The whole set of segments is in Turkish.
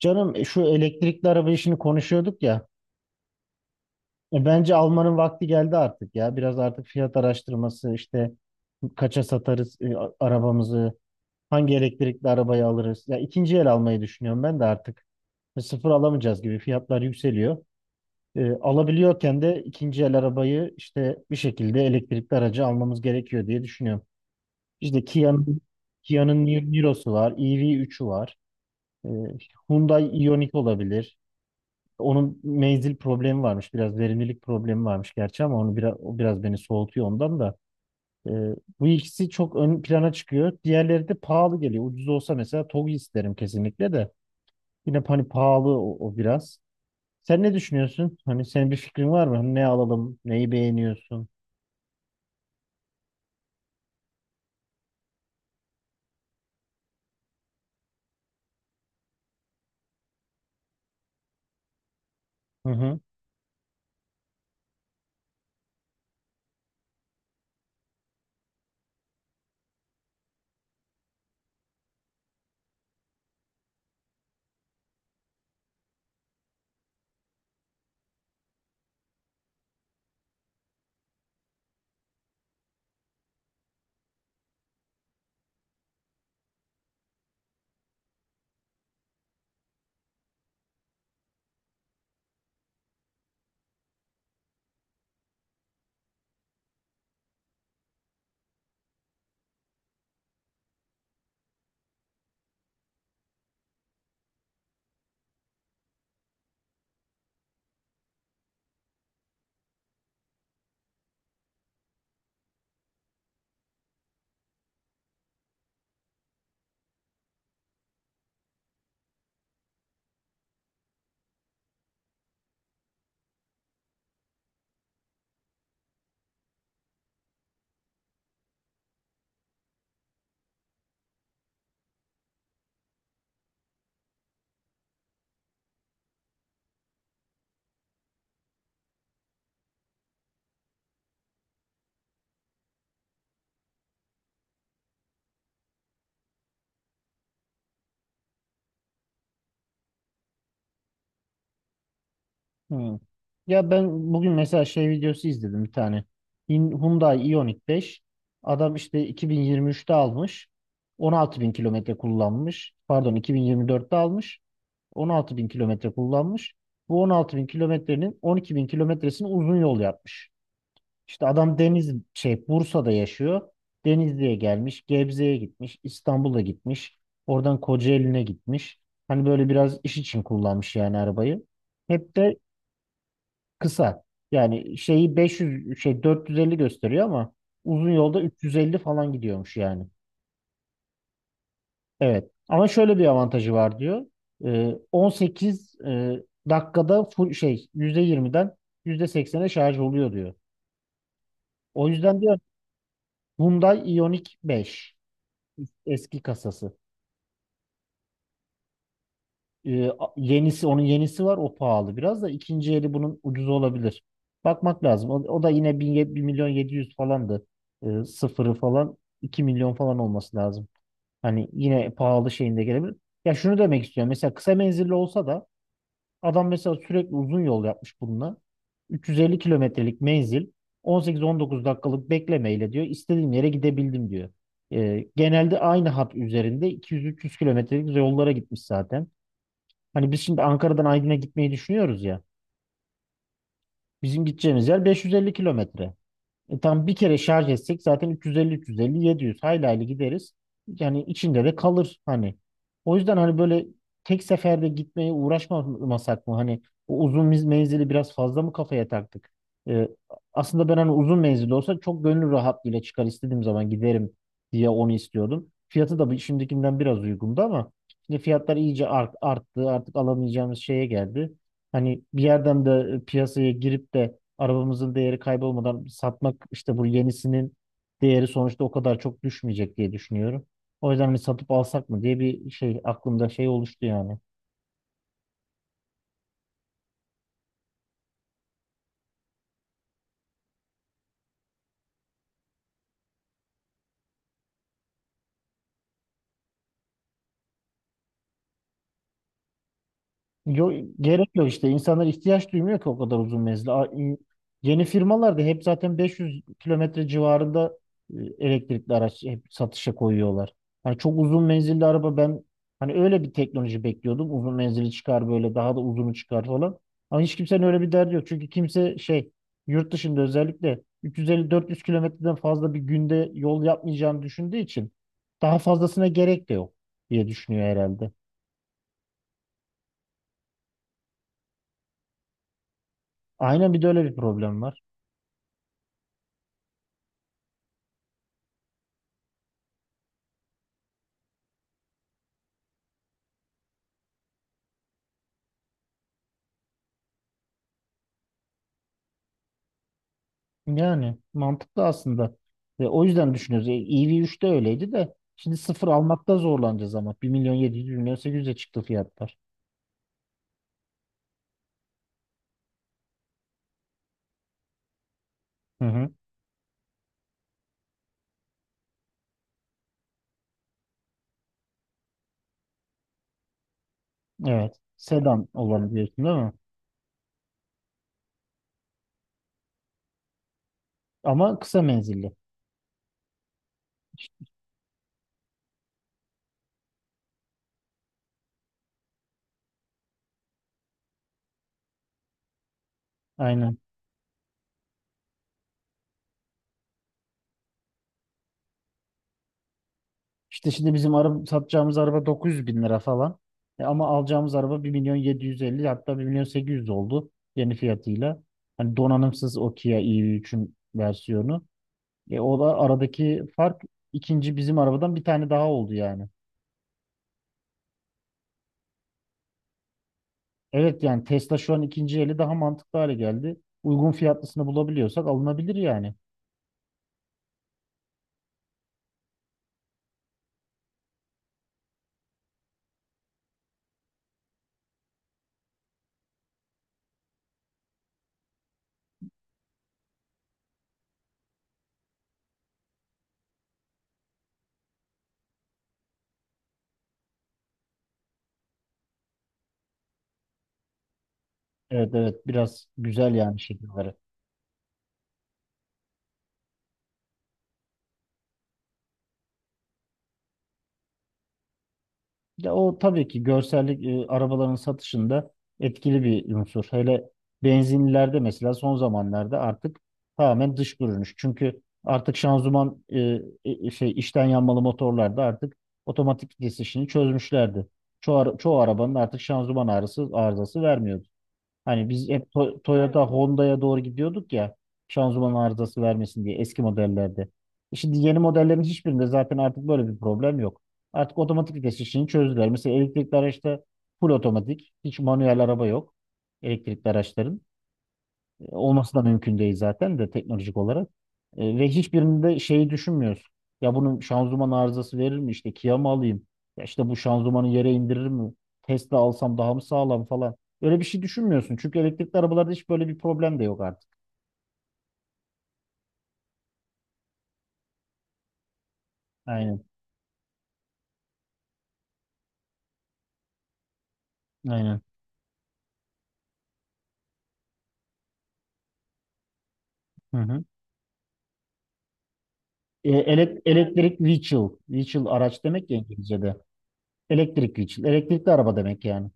Canım şu elektrikli araba işini konuşuyorduk ya. Bence almanın vakti geldi artık ya. Biraz artık fiyat araştırması işte kaça satarız arabamızı, hangi elektrikli arabayı alırız. Ya ikinci el almayı düşünüyorum ben de artık. Sıfır alamayacağız gibi fiyatlar yükseliyor. Alabiliyorken de ikinci el arabayı işte bir şekilde elektrikli aracı almamız gerekiyor diye düşünüyorum. İşte Kia'nın Niro'su var, EV3'ü var. E, Hyundai Ioniq olabilir. Onun menzil problemi varmış. Biraz verimlilik problemi varmış gerçi ama o biraz beni soğutuyor ondan da. Ee, Bu ikisi çok ön plana çıkıyor. Diğerleri de pahalı geliyor. Ucuz olsa mesela TOGG isterim kesinlikle de. Yine hani pahalı o biraz. Sen ne düşünüyorsun? Hani senin bir fikrin var mı? Hani ne alalım? Neyi beğeniyorsun? Hı hı. Hmm. Ya ben bugün mesela şey videosu izledim bir tane. Hyundai Ioniq 5. Adam işte 2023'te almış. 16 bin kilometre kullanmış. Pardon, 2024'te almış. 16 bin kilometre kullanmış. Bu 16 bin kilometrenin 12 bin kilometresini uzun yol yapmış. İşte adam Deniz şey Bursa'da yaşıyor. Denizli'ye gelmiş, Gebze'ye gitmiş, İstanbul'a gitmiş. Oradan Kocaeli'ne gitmiş. Hani böyle biraz iş için kullanmış yani arabayı. Hep de. Kısa. Yani şeyi 500, şey, 450 gösteriyor ama uzun yolda 350 falan gidiyormuş yani. Evet. Ama şöyle bir avantajı var diyor. 18 dakikada full şey %20'den %80'e şarj oluyor diyor. O yüzden diyor Hyundai Ioniq 5 eski kasası. E, a- yenisi onun yenisi var, o pahalı, biraz da ikinci eli bunun ucuz olabilir. Bakmak lazım. O da yine 1 milyon 700 falandı. Sıfırı falan 2 milyon falan olması lazım. Hani yine pahalı şeyinde gelebilir. Ya şunu demek istiyorum. Mesela kısa menzilli olsa da adam mesela sürekli uzun yol yapmış bununla. 350 kilometrelik menzil, 18-19 dakikalık beklemeyle diyor istediğim yere gidebildim diyor. Genelde aynı hat üzerinde 200-300 kilometrelik yollara gitmiş zaten. Hani biz şimdi Ankara'dan Aydın'a gitmeyi düşünüyoruz ya. Bizim gideceğimiz yer 550 kilometre. Tam bir kere şarj etsek zaten 350 350 700 hayli hayli gideriz. Yani içinde de kalır hani. O yüzden hani böyle tek seferde gitmeye uğraşmasak mı? Hani o uzun menzili biraz fazla mı kafaya taktık? E, Aslında ben hani uzun menzili olsa çok gönül rahatlığıyla çıkar istediğim zaman giderim diye onu istiyordum. Fiyatı da şimdikinden biraz uygundu ama şimdi fiyatlar iyice arttı. Artık alamayacağımız şeye geldi. Hani bir yerden de piyasaya girip de arabamızın değeri kaybolmadan satmak işte bu yenisinin değeri sonuçta o kadar çok düşmeyecek diye düşünüyorum. O yüzden hani satıp alsak mı diye bir şey aklımda şey oluştu yani. Yo, gerek yok işte. İnsanlar ihtiyaç duymuyor ki o kadar uzun menzili. Yeni firmalar da hep zaten 500 kilometre civarında elektrikli araç hep satışa koyuyorlar. Hani çok uzun menzilli araba ben hani öyle bir teknoloji bekliyordum. Uzun menzili çıkar, böyle daha da uzunu çıkar falan. Ama hiç kimsenin öyle bir derdi yok. Çünkü kimse şey, yurt dışında özellikle 350-400 kilometreden fazla bir günde yol yapmayacağını düşündüğü için daha fazlasına gerek de yok diye düşünüyor herhalde. Aynen, bir de öyle bir problem var. Yani mantıklı aslında. Ve o yüzden düşünüyoruz. EV3'te öyleydi de şimdi sıfır almakta zorlanacağız ama bir milyon 700, 1 milyon 800'e çıktı fiyatlar. Hı hı. Evet. Sedan olanı diyorsun değil mi? Ama kısa menzilli. İşte, aynen. İşte şimdi bizim araba, satacağımız araba 900 bin lira falan. Ama alacağımız araba 1 milyon 750 bin, hatta 1 milyon 800 bin oldu yeni fiyatıyla. Hani donanımsız o Kia EV3'ün versiyonu. O da aradaki fark ikinci bizim arabadan bir tane daha oldu yani. Evet, yani Tesla şu an ikinci eli daha mantıklı hale geldi. Uygun fiyatlısını bulabiliyorsak alınabilir yani. Evet, evet, biraz güzel yani şekilleri. Ya o tabii ki görsellik arabaların satışında etkili bir unsur. Hele benzinlilerde mesela son zamanlarda artık tamamen dış görünüş. Çünkü artık şanzıman, şey, içten yanmalı motorlarda artık otomatik vites işini çözmüşlerdi. Çoğu arabanın artık şanzıman ağrısı, arızası vermiyordu. Hani biz hep Toyota, Honda'ya doğru gidiyorduk ya, şanzıman arızası vermesin diye eski modellerde. Şimdi yeni modellerin hiçbirinde zaten artık böyle bir problem yok. Artık otomatik vites işini çözdüler. Mesela elektrikli araçta full otomatik, hiç manuel araba yok elektrikli araçların. Olması da mümkün değil zaten de teknolojik olarak. Ve hiçbirinde şeyi düşünmüyoruz. Ya bunun şanzıman arızası verir mi? İşte Kia mı alayım? Ya işte bu şanzımanı yere indirir mi? Tesla alsam daha mı sağlam falan. Öyle bir şey düşünmüyorsun. Çünkü elektrikli arabalarda hiç böyle bir problem de yok artık. Aynen. Aynen. Hı hı. Elektrik vehicle. Vehicle araç demek ya İngilizce'de. Elektrik vehicle. Elektrikli araba demek yani.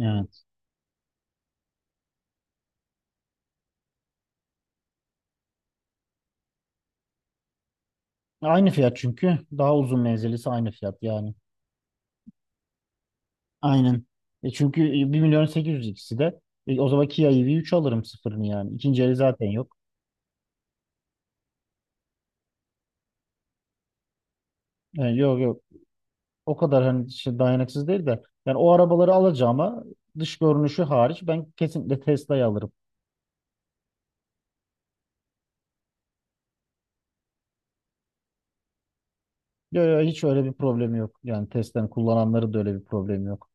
Evet. Aynı fiyat çünkü. Daha uzun menzilisi aynı fiyat yani. Aynen. Çünkü 1 milyon 800 bin ikisi de. O zaman Kia EV3 alırım sıfırını yani. İkinci eli zaten yok. Yani, yok, yok. O kadar hani şey dayanıksız değil de. Yani o arabaları alacağıma dış görünüşü hariç ben kesinlikle Tesla'yı alırım. Yok, yok, hiç öyle bir problemi yok. Yani Tesla'nın kullananları da öyle bir problemi yok.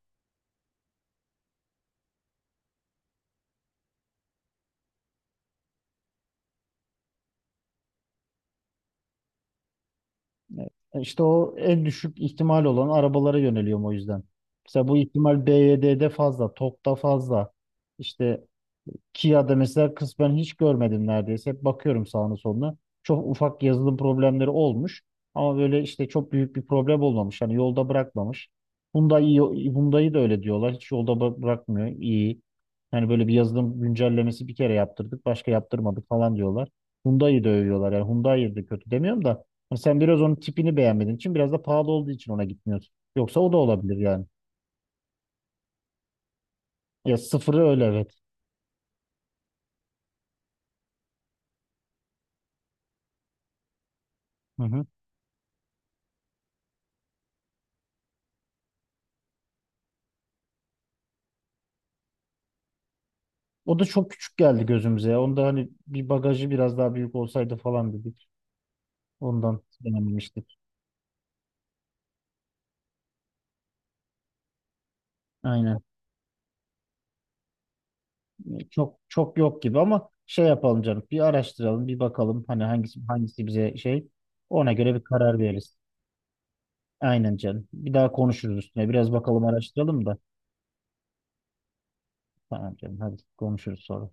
İşte o en düşük ihtimal olan arabalara yöneliyorum o yüzden. Mesela bu ihtimal BYD'de fazla, TOGG'da fazla. İşte Kia'da mesela kısmen hiç görmedim neredeyse. Hep bakıyorum sağına soluna. Çok ufak yazılım problemleri olmuş. Ama böyle işte çok büyük bir problem olmamış. Hani yolda bırakmamış. Hyundai'yi de öyle diyorlar. Hiç yolda bırakmıyor. İyi. Yani böyle bir yazılım güncellemesi bir kere yaptırdık. Başka yaptırmadık falan diyorlar. Hyundai'yi de övüyorlar. Yani Hyundai'yi de kötü demiyorum da. Hani sen biraz onun tipini beğenmediğin için biraz da pahalı olduğu için ona gitmiyorsun. Yoksa o da olabilir yani. Ya sıfırı öyle, evet. Hı hı. O da çok küçük geldi gözümüze ya. Onda hani bir bagajı biraz daha büyük olsaydı falan dedik. Ondan denememiştik. Aynen. Çok çok yok gibi ama şey yapalım canım. Bir araştıralım, bir bakalım hani hangisi bize şey. Ona göre bir karar veririz. Aynen canım. Bir daha konuşuruz üstüne. Biraz bakalım, araştıralım da. Tamam canım. Hadi konuşuruz sonra.